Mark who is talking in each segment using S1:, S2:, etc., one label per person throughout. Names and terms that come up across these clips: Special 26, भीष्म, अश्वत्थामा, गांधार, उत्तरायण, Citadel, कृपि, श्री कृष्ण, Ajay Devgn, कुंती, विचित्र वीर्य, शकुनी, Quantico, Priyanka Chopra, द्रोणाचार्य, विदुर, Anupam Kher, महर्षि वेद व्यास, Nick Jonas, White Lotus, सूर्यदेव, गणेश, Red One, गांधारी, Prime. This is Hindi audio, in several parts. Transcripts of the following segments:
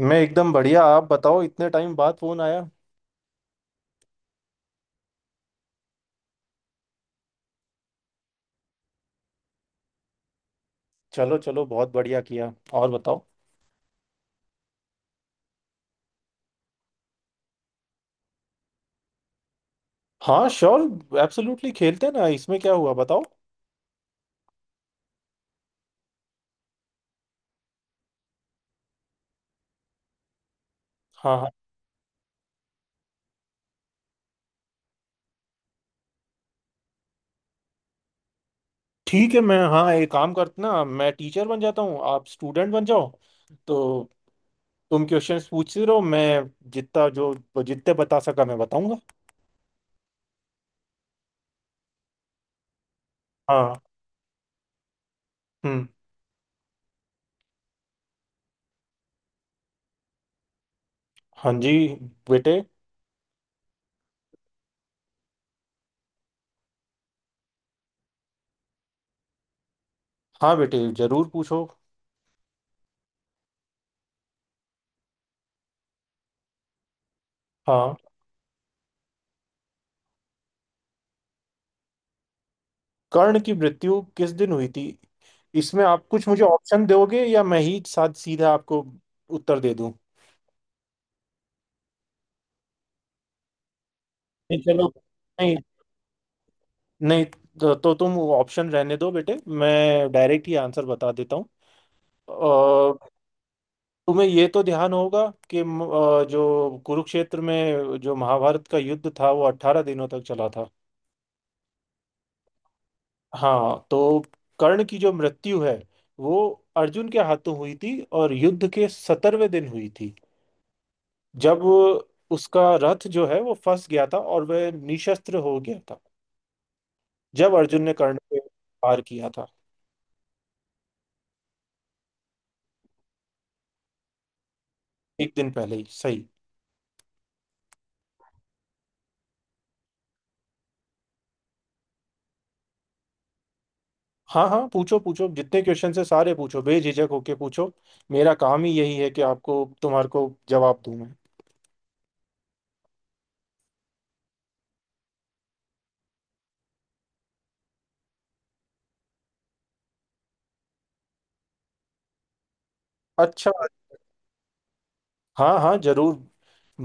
S1: मैं एकदम बढ़िया। आप बताओ इतने टाइम बाद फोन आया। चलो चलो, बहुत बढ़िया किया। और बताओ। हाँ श्योर, एब्सोल्युटली खेलते हैं ना। इसमें क्या हुआ बताओ। हाँ हाँ, ठीक है। मैं हाँ एक काम करते ना, मैं टीचर बन जाता हूँ, आप स्टूडेंट बन जाओ। तो तुम क्वेश्चंस पूछते रहो, मैं जितना जो जितने बता सका मैं बताऊंगा। हाँ। हम्म। हाँ जी बेटे। हाँ बेटे, जरूर पूछो। हाँ, कर्ण की मृत्यु किस दिन हुई थी। इसमें आप कुछ मुझे ऑप्शन दोगे या मैं ही साथ सीधा आपको उत्तर दे दूं। नहीं चलो, नहीं। नहीं तो तुम ऑप्शन रहने दो बेटे, मैं डायरेक्ट ही आंसर बता देता हूँ। अ, तुम्हें ये तो ध्यान होगा कि जो कुरुक्षेत्र में जो महाभारत का युद्ध था वो 18 दिनों तक चला था। हाँ तो कर्ण की जो मृत्यु है वो अर्जुन के हाथों हुई थी, और युद्ध के 70वें दिन हुई थी। जब उसका रथ जो है वो फंस गया था और वह निशस्त्र हो गया था, जब अर्जुन ने कर्ण पे वार किया था। एक दिन पहले ही सही। हाँ हाँ, पूछो पूछो, जितने क्वेश्चन है सारे पूछो, बेझिझक होके पूछो। मेरा काम ही यही है कि आपको तुम्हारे को जवाब दूं मैं। अच्छा, हाँ हाँ जरूर।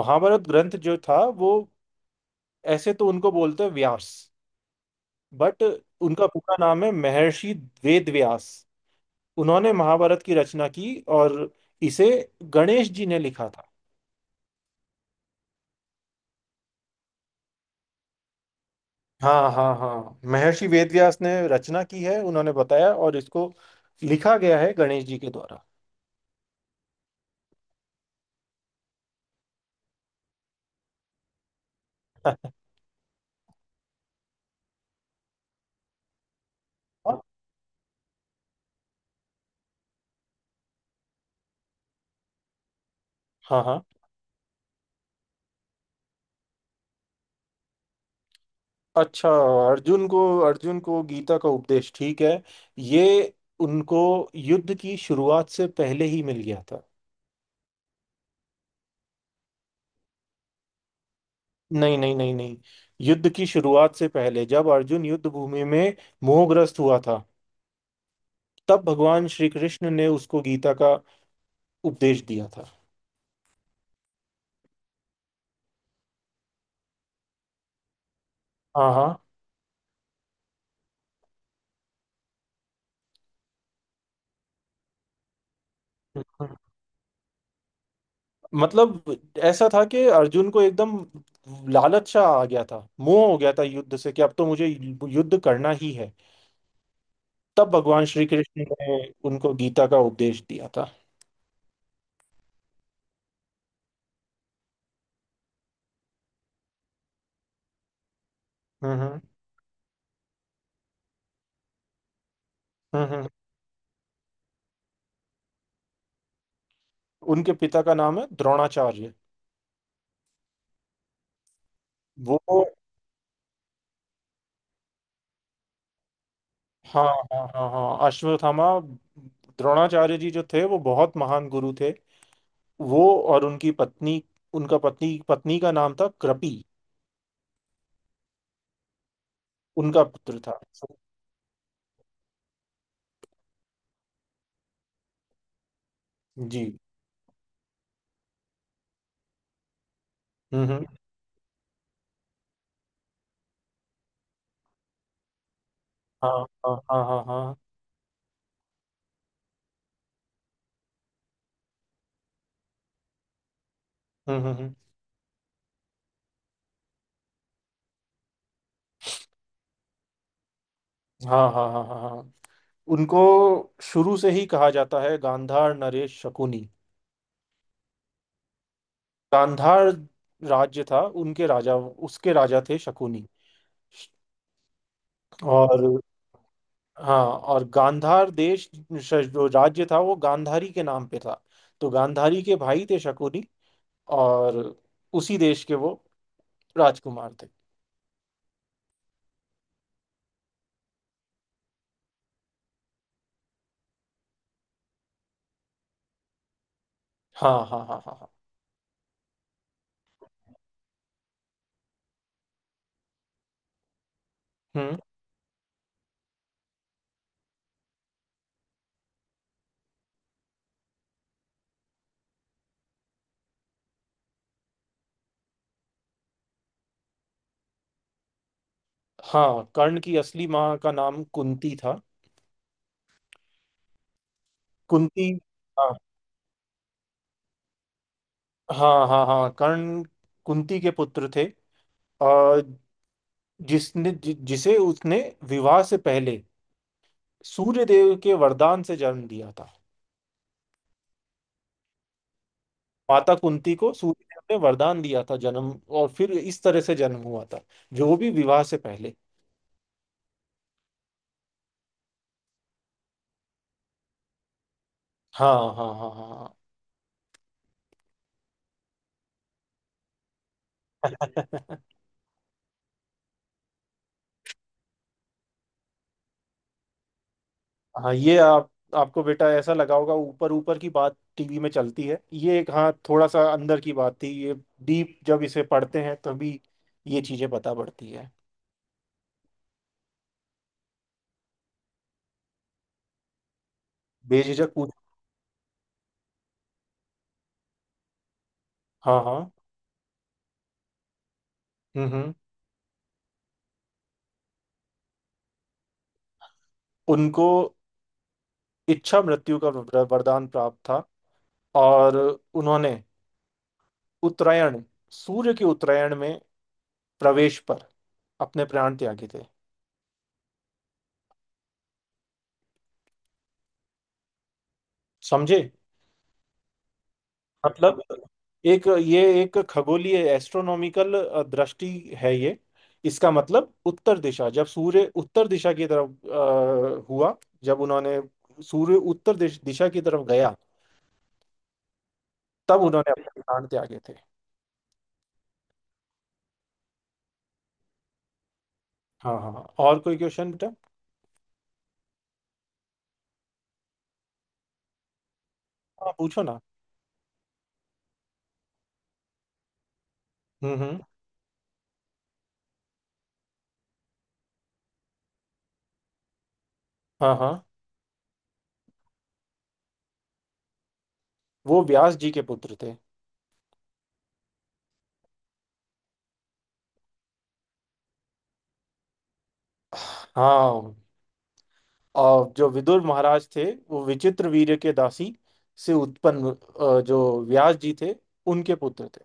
S1: महाभारत ग्रंथ जो था वो, ऐसे तो उनको बोलते हैं व्यास, बट उनका पूरा नाम है महर्षि वेद व्यास। उन्होंने महाभारत की रचना की, और इसे गणेश जी ने लिखा था। हाँ हाँ हाँ, महर्षि वेदव्यास ने रचना की है, उन्होंने बताया, और इसको लिखा गया है गणेश जी के द्वारा। हाँ हाँ हाँ। अच्छा। अर्जुन को अर्जुन को गीता का उपदेश, ठीक है। ये उनको युद्ध की शुरुआत से पहले ही मिल गया था। नहीं नहीं नहीं नहीं, युद्ध की शुरुआत से पहले, जब अर्जुन युद्ध भूमि में मोहग्रस्त हुआ था, तब भगवान श्री कृष्ण ने उसको गीता का उपदेश दिया था। हाँ हाँ। मतलब ऐसा था कि अर्जुन को एकदम लालच सा आ गया था, मोह हो गया था युद्ध से कि अब तो मुझे युद्ध करना ही है। तब भगवान श्री कृष्ण ने उनको गीता का उपदेश दिया था। हम्म हम्म हम्म हम्म। उनके पिता का नाम है द्रोणाचार्य। वो हाँ हाँ हाँ हाँ अश्वत्थामा, द्रोणाचार्य जी जो थे वो बहुत महान गुरु थे। वो, और उनकी पत्नी, उनका पत्नी पत्नी का नाम था कृपि। उनका पुत्र था। जी। हम्म हम्म हाँ हाँ हाँ हाँ हाँ। हम्म हम्म हम्म। हाँ हाँ हाँ हाँ हाँ, उनको शुरू से ही कहा जाता है गांधार नरेश शकुनी। गांधार राज्य था, उनके राजा, उसके राजा थे शकुनी। और हाँ, और गांधार देश, जो राज्य था वो गांधारी के नाम पे था। तो गांधारी के भाई थे शकुनी, और उसी देश के वो राजकुमार थे। हाँ हाँ हाँ हाँ हाँ। हम्म। हाँ, कर्ण की असली माँ का नाम कुंती था। कुंती। हाँ हाँ हाँ हाँ, कर्ण कुंती के पुत्र थे। अ, जिसे उसने विवाह से पहले सूर्यदेव के वरदान से जन्म दिया था। माता कुंती को सूर्यदेव ने वरदान दिया था जन्म। और फिर इस तरह से जन्म हुआ था, जो भी विवाह से पहले। हाँ हाँ हाँ हाँ हाँ। हाँ, ये आप, आपको बेटा ऐसा लगा होगा, ऊपर ऊपर की बात टीवी में चलती है ये, एक हाँ थोड़ा सा अंदर की बात थी ये। डीप जब इसे पढ़ते हैं तभी ये चीजें पता पड़ती है। बेझिझक पूछ। हाँ हाँ। हम्म। उनको इच्छा मृत्यु का वरदान प्राप्त था। और उन्होंने उत्तरायण, सूर्य के उत्तरायण में प्रवेश पर अपने प्राण त्यागे थे। समझे। मतलब एक ये, एक खगोलीय, एस्ट्रोनॉमिकल दृष्टि है ये। इसका मतलब उत्तर दिशा, जब सूर्य उत्तर दिशा की तरफ हुआ, जब उन्होंने, सूर्य उत्तर दिशा की तरफ गया, तब उन्होंने अपने प्राण त्यागे थे। हाँ हाँ हाँ। और कोई क्वेश्चन बेटा। हाँ पूछो ना। हम्म। हाँ हाँ, वो व्यास जी के पुत्र थे। हाँ, और जो विदुर महाराज थे वो विचित्र वीर्य के दासी से उत्पन्न, जो व्यास जी थे उनके पुत्र थे।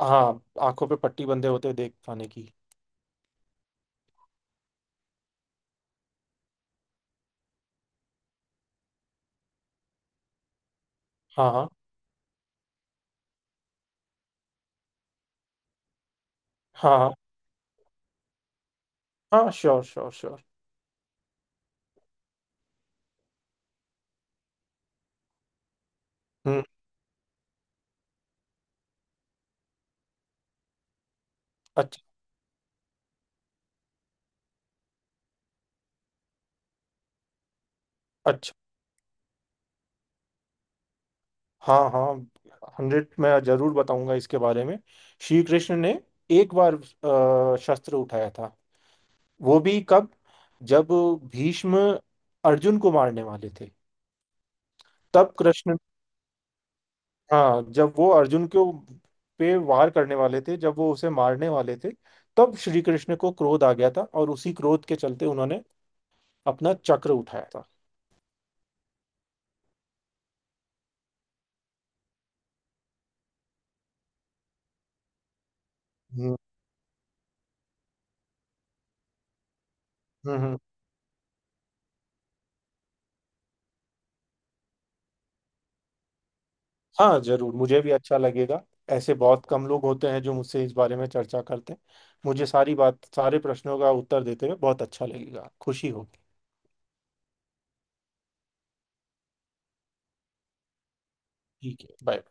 S1: हाँ, आंखों पे पट्टी बंधे होते हुए देख पाने की। हाँ हाँ हाँ, हाँ श्योर श्योर श्योर। हम्म। अच्छा, अच्छा। हाँ हाँ, 100 मैं जरूर बताऊंगा इसके बारे में। श्री कृष्ण ने एक बार शस्त्र उठाया था। वो भी कब, जब भीष्म अर्जुन को मारने वाले थे। तब कृष्ण, हाँ, जब वो अर्जुन के पे वार करने वाले थे, जब वो उसे मारने वाले थे, तब श्री कृष्ण को क्रोध आ गया था, और उसी क्रोध के चलते उन्होंने अपना चक्र उठाया था। हम्म, हम्म हम्म। हाँ जरूर, मुझे भी अच्छा लगेगा। ऐसे बहुत कम लोग होते हैं जो मुझसे इस बारे में चर्चा करते हैं। मुझे सारी बात, सारे प्रश्नों का उत्तर देते हुए बहुत अच्छा लगेगा, खुशी होगी। ठीक है, बाय।